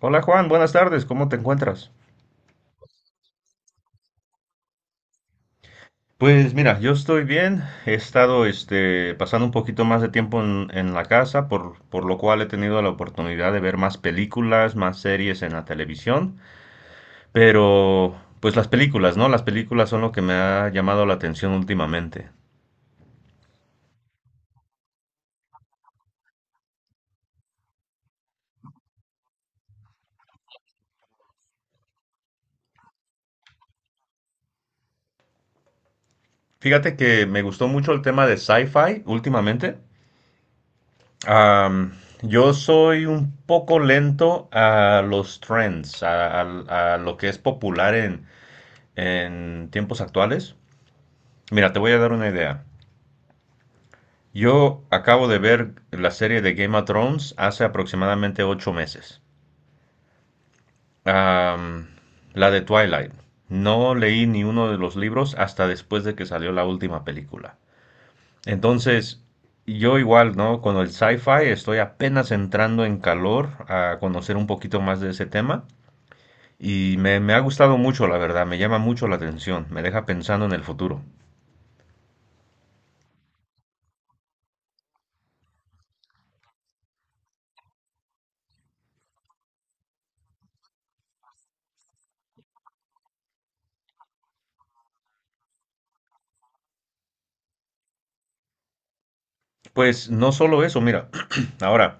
Hola Juan, buenas tardes, ¿cómo te encuentras? Pues mira, yo estoy bien, he estado pasando un poquito más de tiempo en la casa, por lo cual he tenido la oportunidad de ver más películas, más series en la televisión, pero pues las películas, ¿no? Las películas son lo que me ha llamado la atención últimamente. Fíjate que me gustó mucho el tema de sci-fi últimamente. Am, yo soy un poco lento a los trends, a lo que es popular en tiempos actuales. Mira, te voy a dar una idea. Yo acabo de ver la serie de Game of Thrones hace aproximadamente ocho meses. Am, la de Twilight. No leí ni uno de los libros hasta después de que salió la última película. Entonces, yo igual, ¿no? Con el sci-fi estoy apenas entrando en calor a conocer un poquito más de ese tema y me ha gustado mucho, la verdad, me llama mucho la atención, me deja pensando en el futuro. Pues no solo eso, mira, ahora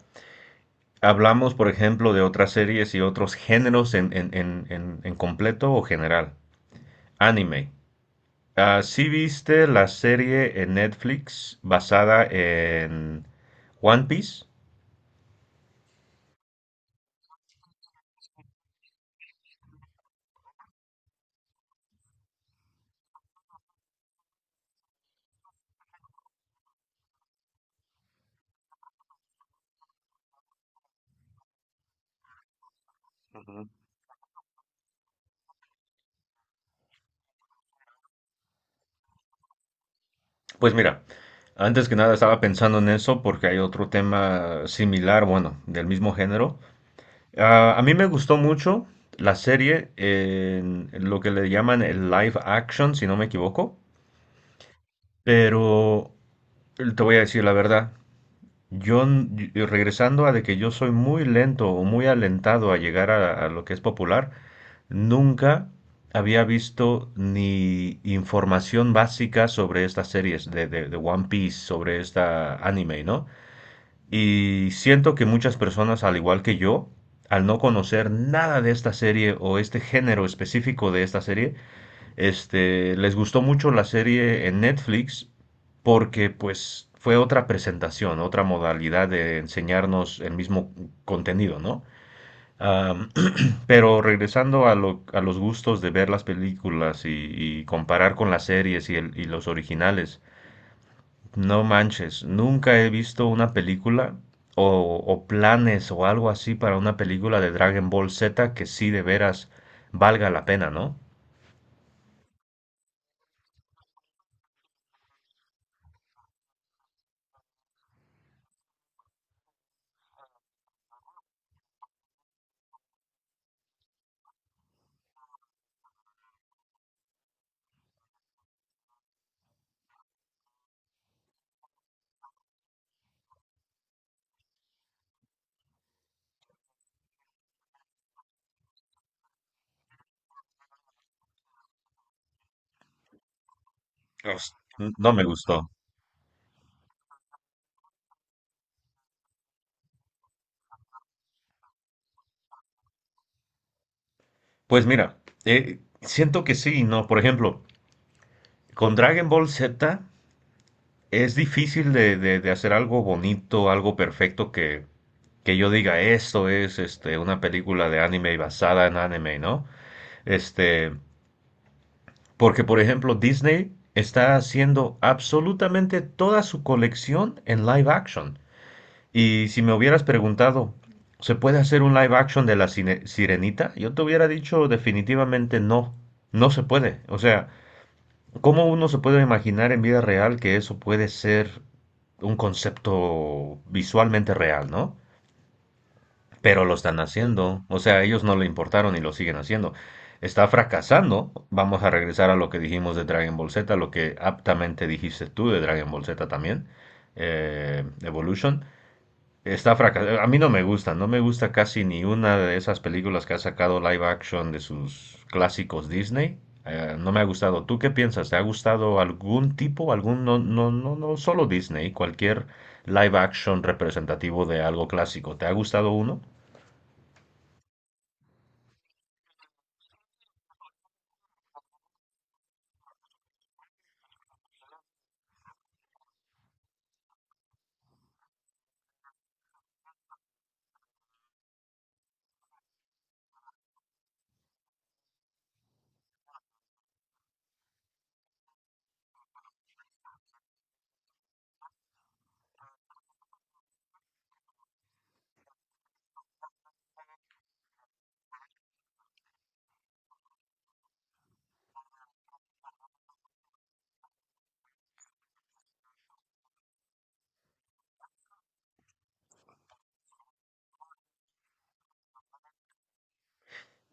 hablamos, por ejemplo, de otras series y otros géneros en completo o general. Anime. Ah, ¿sí viste la serie en Netflix basada en One Piece? Pues mira, antes que nada estaba pensando en eso porque hay otro tema similar, bueno, del mismo género. Ah, a mí me gustó mucho la serie en lo que le llaman el live action, si no me equivoco. Pero te voy a decir la verdad. Yo, n- Regresando a de que yo soy muy lento o muy alentado a llegar a lo que es popular, nunca había visto ni información básica sobre estas series de One Piece, sobre esta anime, ¿no? Y siento que muchas personas, al igual que yo, al no conocer nada de esta serie o este género específico de esta serie, les gustó mucho la serie en Netflix porque pues fue otra presentación, otra modalidad de enseñarnos el mismo contenido, ¿no? Am, pero regresando a los gustos de ver las películas y comparar con las series y los originales, no manches, nunca he visto una película o planes o algo así para una película de Dragon Ball Z que sí de veras valga la pena, ¿no? Os- No me gustó. Pues mira, siento que sí, ¿no? Por ejemplo, con Dragon Ball Z es difícil de hacer algo bonito, algo perfecto que yo diga, esto es una película de anime basada en anime, ¿no? Este, Porque, por ejemplo, Disney está haciendo absolutamente toda su colección en live action. Y si me hubieras preguntado, ¿se puede hacer un live action de la Sirenita? Yo te hubiera dicho definitivamente no, no se puede. O sea, ¿cómo uno se puede imaginar en vida real que eso puede ser un concepto visualmente real, ¿no? Pero lo están haciendo, o sea, a ellos no le importaron y lo siguen haciendo. Está fracasando. Vamos a regresar a lo que dijimos de Dragon Ball Z, lo que aptamente dijiste tú de Dragon Ball Z también, Evolution. Está fracasado. A mí no me gusta, no me gusta casi ni una de esas películas que ha sacado live action de sus clásicos Disney. No me ha gustado. ¿Tú qué piensas? ¿Te ha gustado algún tipo, algún, no, no, no, no solo Disney, cualquier live action representativo de algo clásico? ¿Te ha gustado uno?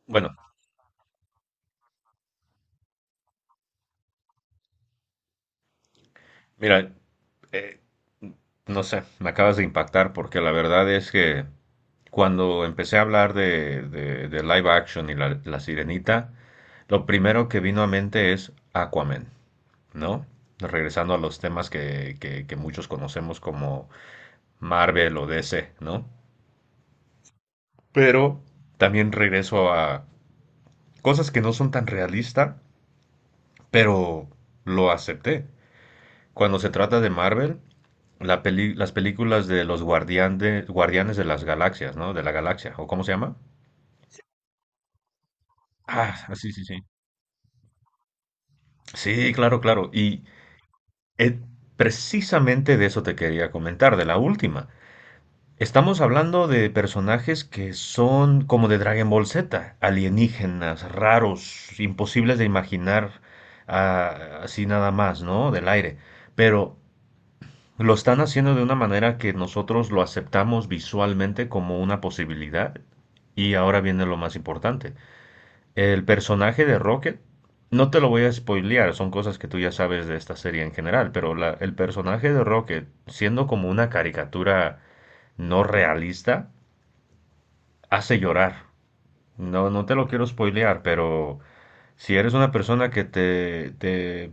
Bueno, mira, eh, no sé, me acabas de impactar porque la verdad es que cuando empecé a hablar de live action y la sirenita, lo primero que vino a mente es Aquaman. ¿No? Regresando a los temas que muchos conocemos como Marvel o DC, ¿no? Pero también regreso a cosas que no son tan realistas, pero lo acepté. Cuando se trata de Marvel, la las películas de los guardianes de las galaxias, ¿no? De la galaxia, ¿o cómo se llama? Ah, sí, sí, sí. Sí, claro, claro. Y eh, precisamente de eso te quería comentar, de la última. Estamos hablando de personajes que son como de Dragon Ball Z, alienígenas, raros, imposibles de imaginar así nada más, ¿no? Del aire. Pero lo están haciendo de una manera que nosotros lo aceptamos visualmente como una posibilidad. Y ahora viene lo más importante. El personaje de Rocket, no te lo voy a spoilear, son cosas que tú ya sabes de esta serie en general, pero el personaje de Rocket, siendo como una caricatura no realista, hace llorar. No, no te lo quiero spoilear, pero si eres una persona que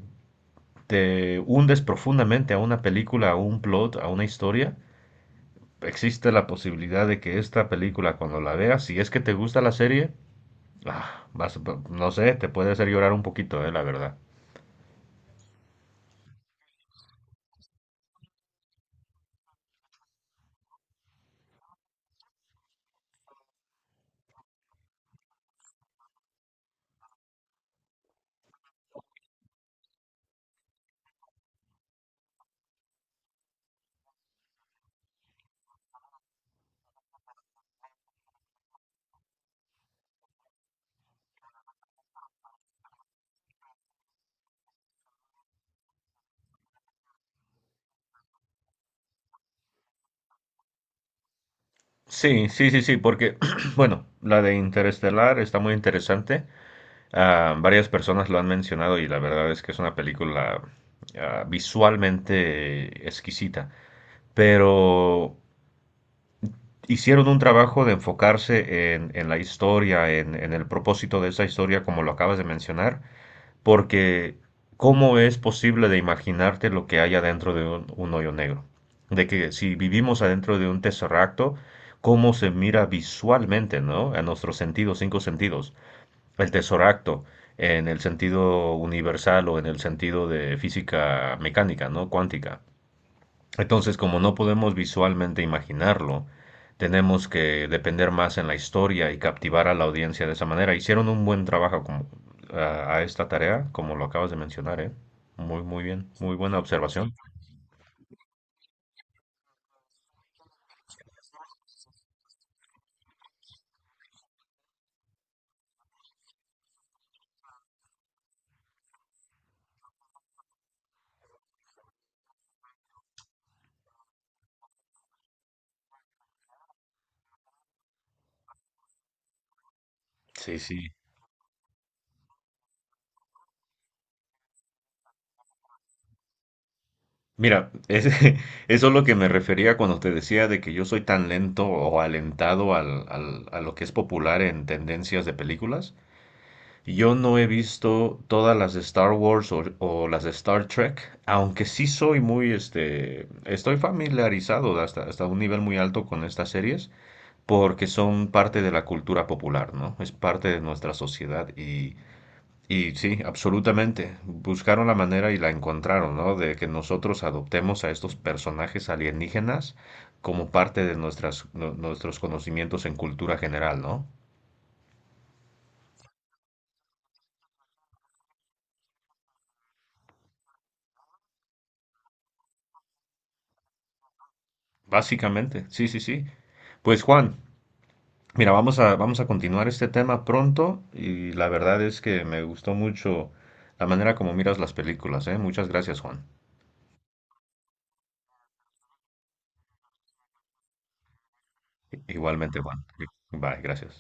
te hundes profundamente a una película, a un plot, a una historia, existe la posibilidad de que esta película, cuando la veas, si es que te gusta la serie, ah, vas- no sé, te puede hacer llorar un poquito, la verdad. Sí, sí, sí, sí, porque, bueno, la de Interestelar está muy interesante. Ah, varias personas lo han mencionado y la verdad es que es una película visualmente exquisita, pero hicieron un trabajo de enfocarse en la historia, en el propósito de esa historia, como lo acabas de mencionar, porque ¿cómo es posible de imaginarte lo que hay adentro de un hoyo negro? De que si vivimos adentro de un tesseracto, ¿cómo se mira visualmente, ¿no? A nuestros sentidos, cinco sentidos. El tesoracto, en el sentido universal o en el sentido de física mecánica, ¿no? Cuántica. Entonces, como no podemos visualmente imaginarlo, tenemos que depender más en la historia y captivar a la audiencia de esa manera. Hicieron un buen trabajo a esta tarea, como lo acabas de mencionar, ¿eh? Muy, muy bien, muy buena observación. Sí, sí. Mira, es, eso es lo que me refería cuando te decía de que yo soy tan lento o alentado a lo que es popular en tendencias de películas. Yo no he visto todas las de Star Wars o las de Star Trek, aunque sí soy muy, estoy familiarizado hasta un nivel muy alto con estas series, porque son parte de la cultura popular, ¿no? Es parte de nuestra sociedad y sí, absolutamente. Buscaron la manera y la encontraron, ¿no? De que nosotros adoptemos a estos personajes alienígenas como parte de nuestros conocimientos en cultura general, ¿no? Básicamente, sí, sí, sí. Pues Juan, mira, vamos a continuar este tema pronto y la verdad es que me gustó mucho la manera como miras las películas, ¿eh? Muchas gracias, Juan. Igualmente, Juan. Bye, gracias.